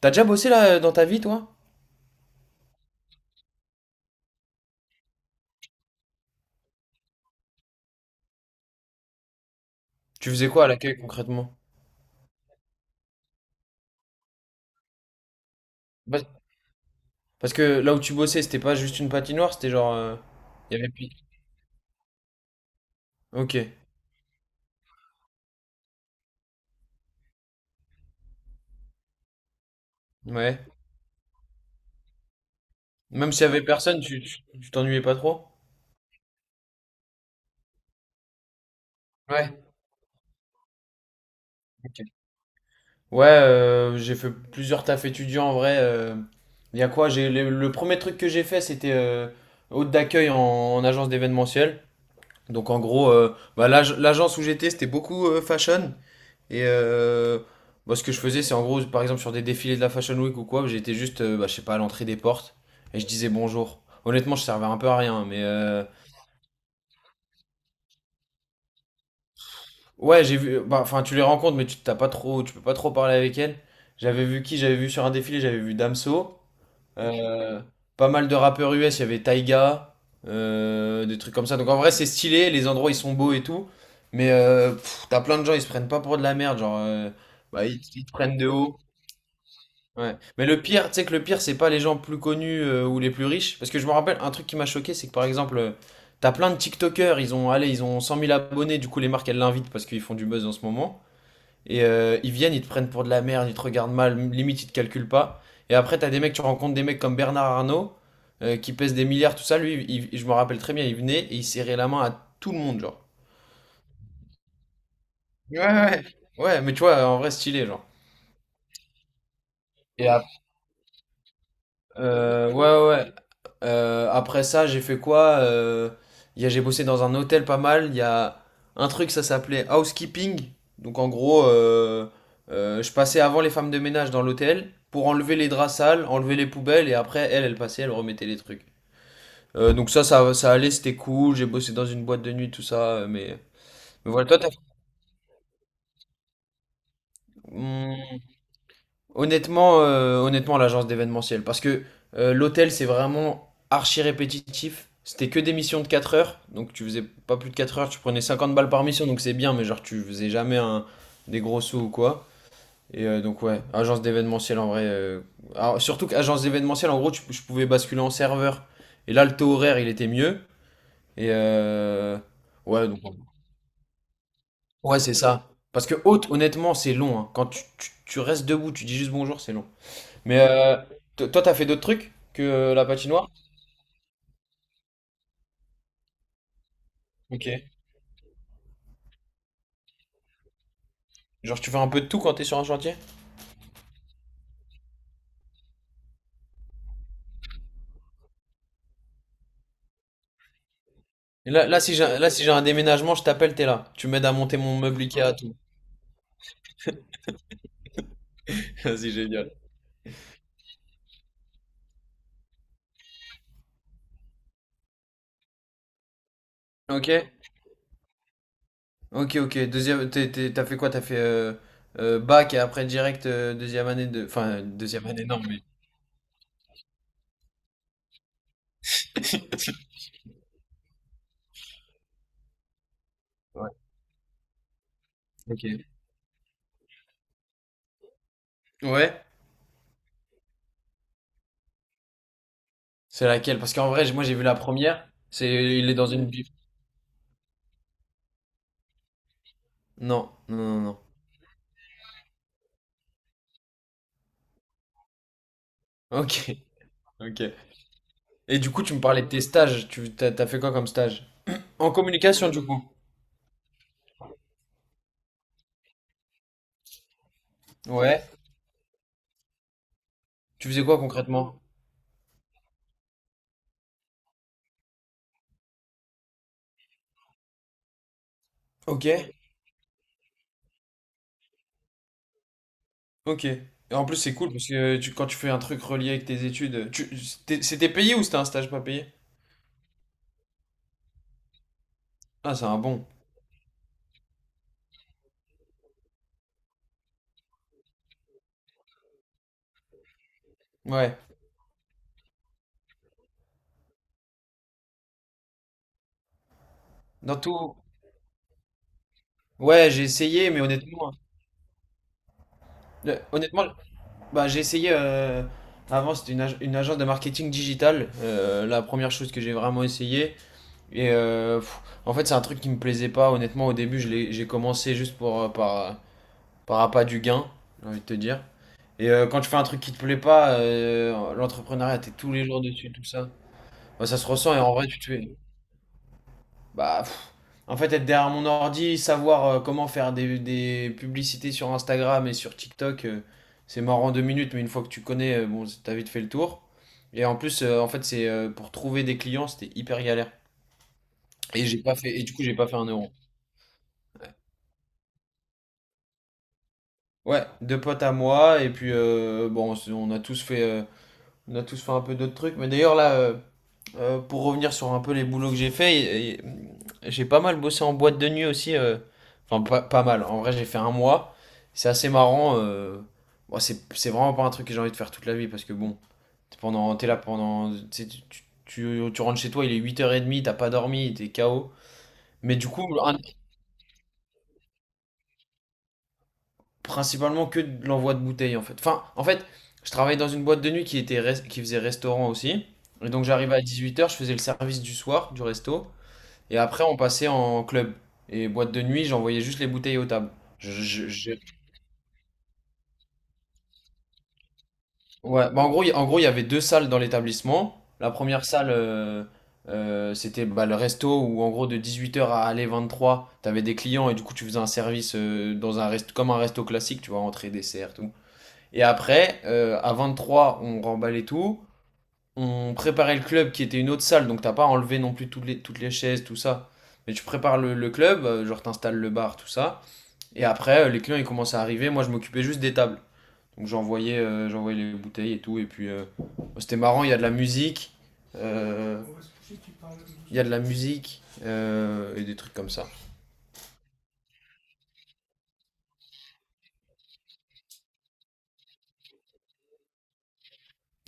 T'as déjà bossé là dans ta vie, toi? Tu faisais quoi à l'accueil concrètement? Bah- Parce que là où tu bossais, c'était pas juste une patinoire, c'était genre, il y avait plus. Ok, ouais. Même s'il y avait personne, tu t'ennuyais pas trop? Ouais. Ok. Ouais, j'ai fait plusieurs tafs étudiants en vrai. Il y a quoi? J'ai le premier truc que j'ai fait, c'était hôte d'accueil en, en agence d'événementiel. Donc en gros, bah, l'agence où j'étais, c'était beaucoup fashion. Et moi, ce que je faisais, c'est en gros, par exemple, sur des défilés de la Fashion Week ou quoi, j'étais juste, bah, je sais pas, à l'entrée des portes et je disais bonjour. Honnêtement, je servais un peu à rien, mais ouais, j'ai vu. Bah, enfin, tu les rencontres, mais tu t'as pas trop, tu peux pas trop parler avec elles. J'avais vu qui? J'avais vu sur un défilé, j'avais vu Damso, euh, pas mal de rappeurs US, il y avait Taiga, des trucs comme ça. Donc en vrai, c'est stylé, les endroits ils sont beaux et tout, mais t'as plein de gens, ils se prennent pas pour de la merde, genre, bah, ils te prennent de haut. Ouais. Mais le pire, tu sais que le pire, c'est pas les gens plus connus ou les plus riches. Parce que je me rappelle, un truc qui m'a choqué, c'est que par exemple, t'as plein de TikTokers, ils ont, allez, ils ont 100 000 abonnés, du coup les marques, elles l'invitent parce qu'ils font du buzz en ce moment. Et ils viennent, ils te prennent pour de la merde, ils te regardent mal, limite ils te calculent pas. Et après, t'as des mecs, tu rencontres des mecs comme Bernard Arnault, qui pèse des milliards, tout ça. Lui, je me rappelle très bien, il venait et il serrait la main à tout le monde, genre. Ouais, ouais. Ouais, mais tu vois, en vrai, stylé, genre. Et ap- ouais, ouais. Ouais. Après ça, j'ai fait quoi. J'ai bossé dans un hôtel pas mal. Il y a un truc, ça s'appelait housekeeping. Donc en gros, je passais avant les femmes de ménage dans l'hôtel pour enlever les draps sales, enlever les poubelles et après, elle passait, elle remettait les trucs. Donc ça allait, c'était cool. J'ai bossé dans une boîte de nuit, tout ça. Mais voilà, toi, t'as... Hmm, Honnêtement, honnêtement l'agence d'événementiel. Parce que l'hôtel, c'est vraiment archi répétitif. C'était que des missions de 4 heures. Donc tu faisais pas plus de 4 heures. Tu prenais 50 balles par mission. Donc c'est bien. Mais genre, tu faisais jamais des gros sous ou quoi. Et donc, ouais, agence d'événementiel en vrai. Alors, surtout qu'agence d'événementiel, en gros, je pouvais basculer en serveur. Et là, le taux horaire, il était mieux. Et ouais, donc. Ouais, c'est ça. Parce que hôte, honnêtement, c'est long. Hein. Quand tu restes debout, tu dis juste bonjour, c'est long. Mais toi, t'as fait d'autres trucs que la patinoire? Ok. Genre, tu fais un peu de tout quand t'es sur un chantier? Et là, là, si j'ai un déménagement, je t'appelle, t'es là. Tu m'aides à monter mon meuble Ikea, tout. Vas-y, génial. Ok. Ok, ok. Deuxième, t'as fait quoi? T'as fait bac et après direct deuxième année de... Enfin, deuxième année, non, mais... Ouais, ok. Ouais? C'est laquelle? Parce qu'en vrai, moi, j'ai vu la première. C'est. Il est dans une. Non, non, non, non. Ok. Ok. Et du coup, tu me parlais de tes stages. Tu, t'as t'as fait quoi comme stage? En communication, du coup. Ouais. Tu faisais quoi concrètement? Ok, ok. Et en plus, c'est cool parce que quand tu fais un truc relié avec tes études, c'était payé ou c'était un stage pas payé? Ah, c'est un bon. Ouais. Dans tout. Ouais, j'ai essayé, mais honnêtement, honnêtement, bah j'ai essayé. Avant, c'était une agence de marketing digital, la première chose que j'ai vraiment essayé. Et en fait, c'est un truc qui me plaisait pas. Honnêtement, au début, j'ai commencé juste pour par appât du gain, j'ai envie de te dire. Et quand tu fais un truc qui te plaît pas, l'entrepreneuriat, t'es tous les jours dessus, tout ça. Bah, ça se ressent et en vrai, tu te fais. Bah, en fait, être derrière mon ordi, savoir comment faire des publicités sur Instagram et sur TikTok, c'est mort en 2 minutes, mais une fois que tu connais, bon, t'as vite fait le tour. Et en plus, en fait, c'est pour trouver des clients, c'était hyper galère. Et j'ai pas fait, et du coup, j'ai pas fait 1 euro. Ouais, deux potes à moi, et puis bon, on a tous fait. On a tous fait un peu d'autres trucs. Mais d'ailleurs, là, pour revenir sur un peu les boulots que j'ai fait, j'ai pas mal bossé en boîte de nuit aussi. Enfin, pas mal. En vrai, j'ai fait un mois. C'est assez marrant. Bon, c'est vraiment pas un truc que j'ai envie de faire toute la vie parce que bon, t'es là pendant. Tu sais, tu rentres chez toi, il est 8h30, t'as pas dormi, t'es KO. Mais du coup, un principalement que de l'envoi de bouteilles en fait. Enfin, en fait, je travaillais dans une boîte de nuit qui était qui faisait restaurant aussi. Et donc j'arrivais à 18 heures, je faisais le service du soir du resto. Et après, on passait en club. Et boîte de nuit, j'envoyais juste les bouteilles aux tables. Je- je- je- Ouais, bah en gros, en gros, il y avait deux salles dans l'établissement. La première salle, c'était bah, le resto où en gros de 18 heures à aller 23, t'avais des clients et du coup tu faisais un service dans un comme un resto classique, tu vois, entrée, dessert, tout. Et après, à 23, on remballait tout. On préparait le club qui était une autre salle, donc t'as pas enlevé non plus toutes les chaises, tout ça. Mais tu prépares le club, genre t'installes le bar, tout ça. Et après, les clients ils commencent à arriver. Moi, je m'occupais juste des tables. Donc j'envoyais les bouteilles et tout. Et puis bon, c'était marrant, il y a de la musique. euh, Il y a de la musique et des trucs comme ça.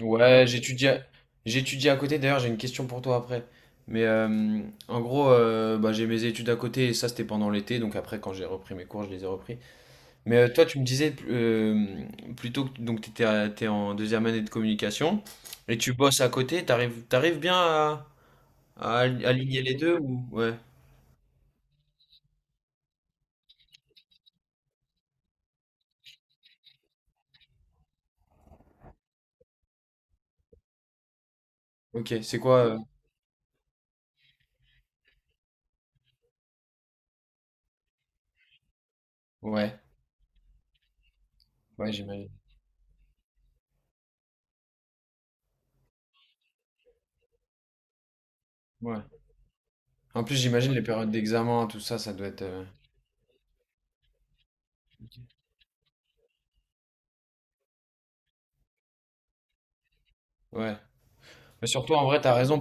Ouais, j'étudie à côté. D'ailleurs, j'ai une question pour toi après. Mais en gros, bah, j'ai mes études à côté et ça, c'était pendant l'été. Donc après, quand j'ai repris mes cours, je les ai repris. Mais toi, tu me disais plutôt que donc t'es en deuxième année de communication et tu bosses à côté. T'arrives bien à, aligner les deux ou ouais. Ok, c'est quoi? Ouais, ouais, j'imagine. Ouais. En plus, j'imagine les périodes d'examen, tout ça, ça doit être. Ouais. Mais surtout, en vrai, t'as raison.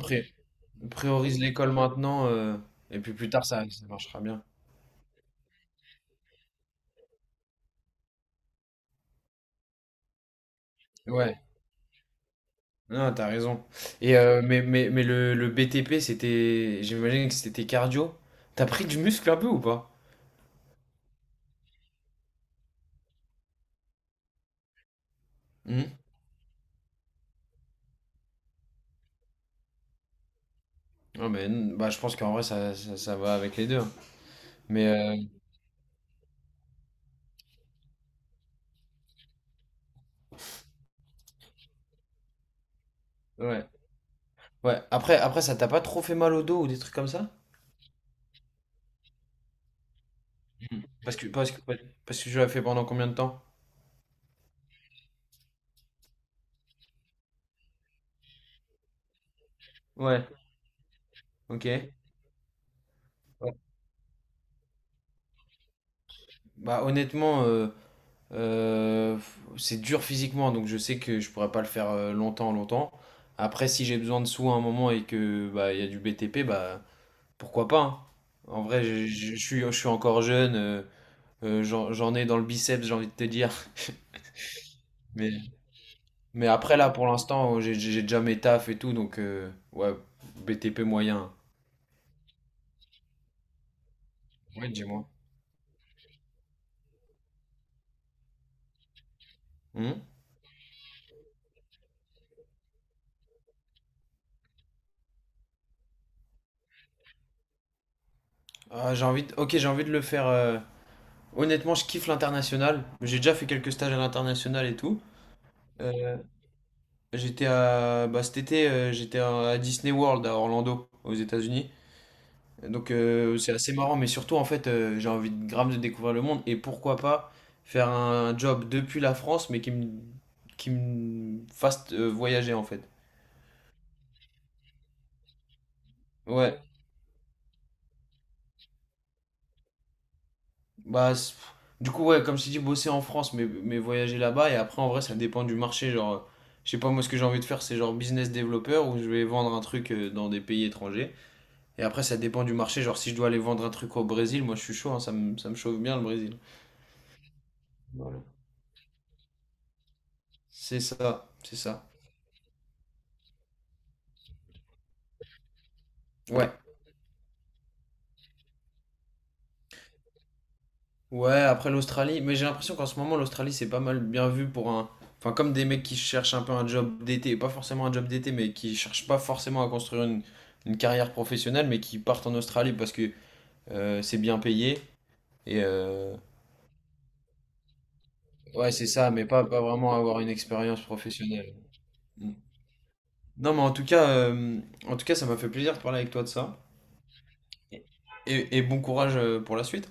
Priorise l'école maintenant, et puis plus tard ça marchera bien. Ouais, non, t'as raison. Et mais le BTP, c'était. J'imagine que c'était cardio. T'as pris du muscle un peu ou pas? Hmm. Non, mais bah, je pense qu'en vrai ça va avec les deux. Hein. Mais ouais. Ouais. Après ça t'a pas trop fait mal au dos ou des trucs comme ça? Hmm. Parce que je l'ai fait pendant combien de temps? Ouais. Ok. Ouais. Bah honnêtement, Euh, c'est dur physiquement, donc je sais que je pourrais pas le faire longtemps, longtemps. Après, si j'ai besoin de sous à un moment et que bah il y a du BTP, bah pourquoi pas. Hein. En vrai, je suis encore jeune, j'en ai dans le biceps, j'ai envie de te dire. Mais, mais après là, pour l'instant, j'ai déjà mes tafs et tout, donc ouais, BTP moyen. Ouais, dis-moi. Hmm Ok, j'ai envie de le faire. Honnêtement, je kiffe l'international. J'ai déjà fait quelques stages à l'international et tout. Euh, J'étais à Bah cet été, j'étais à Disney World à Orlando aux États-Unis. Donc c'est assez marrant, mais surtout en fait j'ai envie de grave de découvrir le monde et pourquoi pas faire un job depuis la France mais qui me fasse voyager en fait. Ouais. Bah c'est- du coup ouais comme je t'ai dit bosser en France mais voyager là-bas et après en vrai ça dépend du marché genre je sais pas moi ce que j'ai envie de faire c'est genre business développeur où je vais vendre un truc dans des pays étrangers. Et après, ça dépend du marché. Genre, si je dois aller vendre un truc au Brésil, moi, je suis chaud. Hein, ça me chauffe bien, le Brésil. C'est ça, c'est ça. Ouais. Ouais, après l'Australie. Mais j'ai l'impression qu'en ce moment, l'Australie, c'est pas mal bien vu pour un. Enfin, comme des mecs qui cherchent un peu un job d'été. Pas forcément un job d'été, mais qui cherchent pas forcément à construire une carrière professionnelle, mais qui partent en Australie parce que c'est bien payé. Et ouais, c'est ça, mais pas vraiment avoir une expérience professionnelle. Mm. Non, mais en tout cas, ça m'a fait plaisir de parler avec toi de ça. Et, et bon courage pour la suite.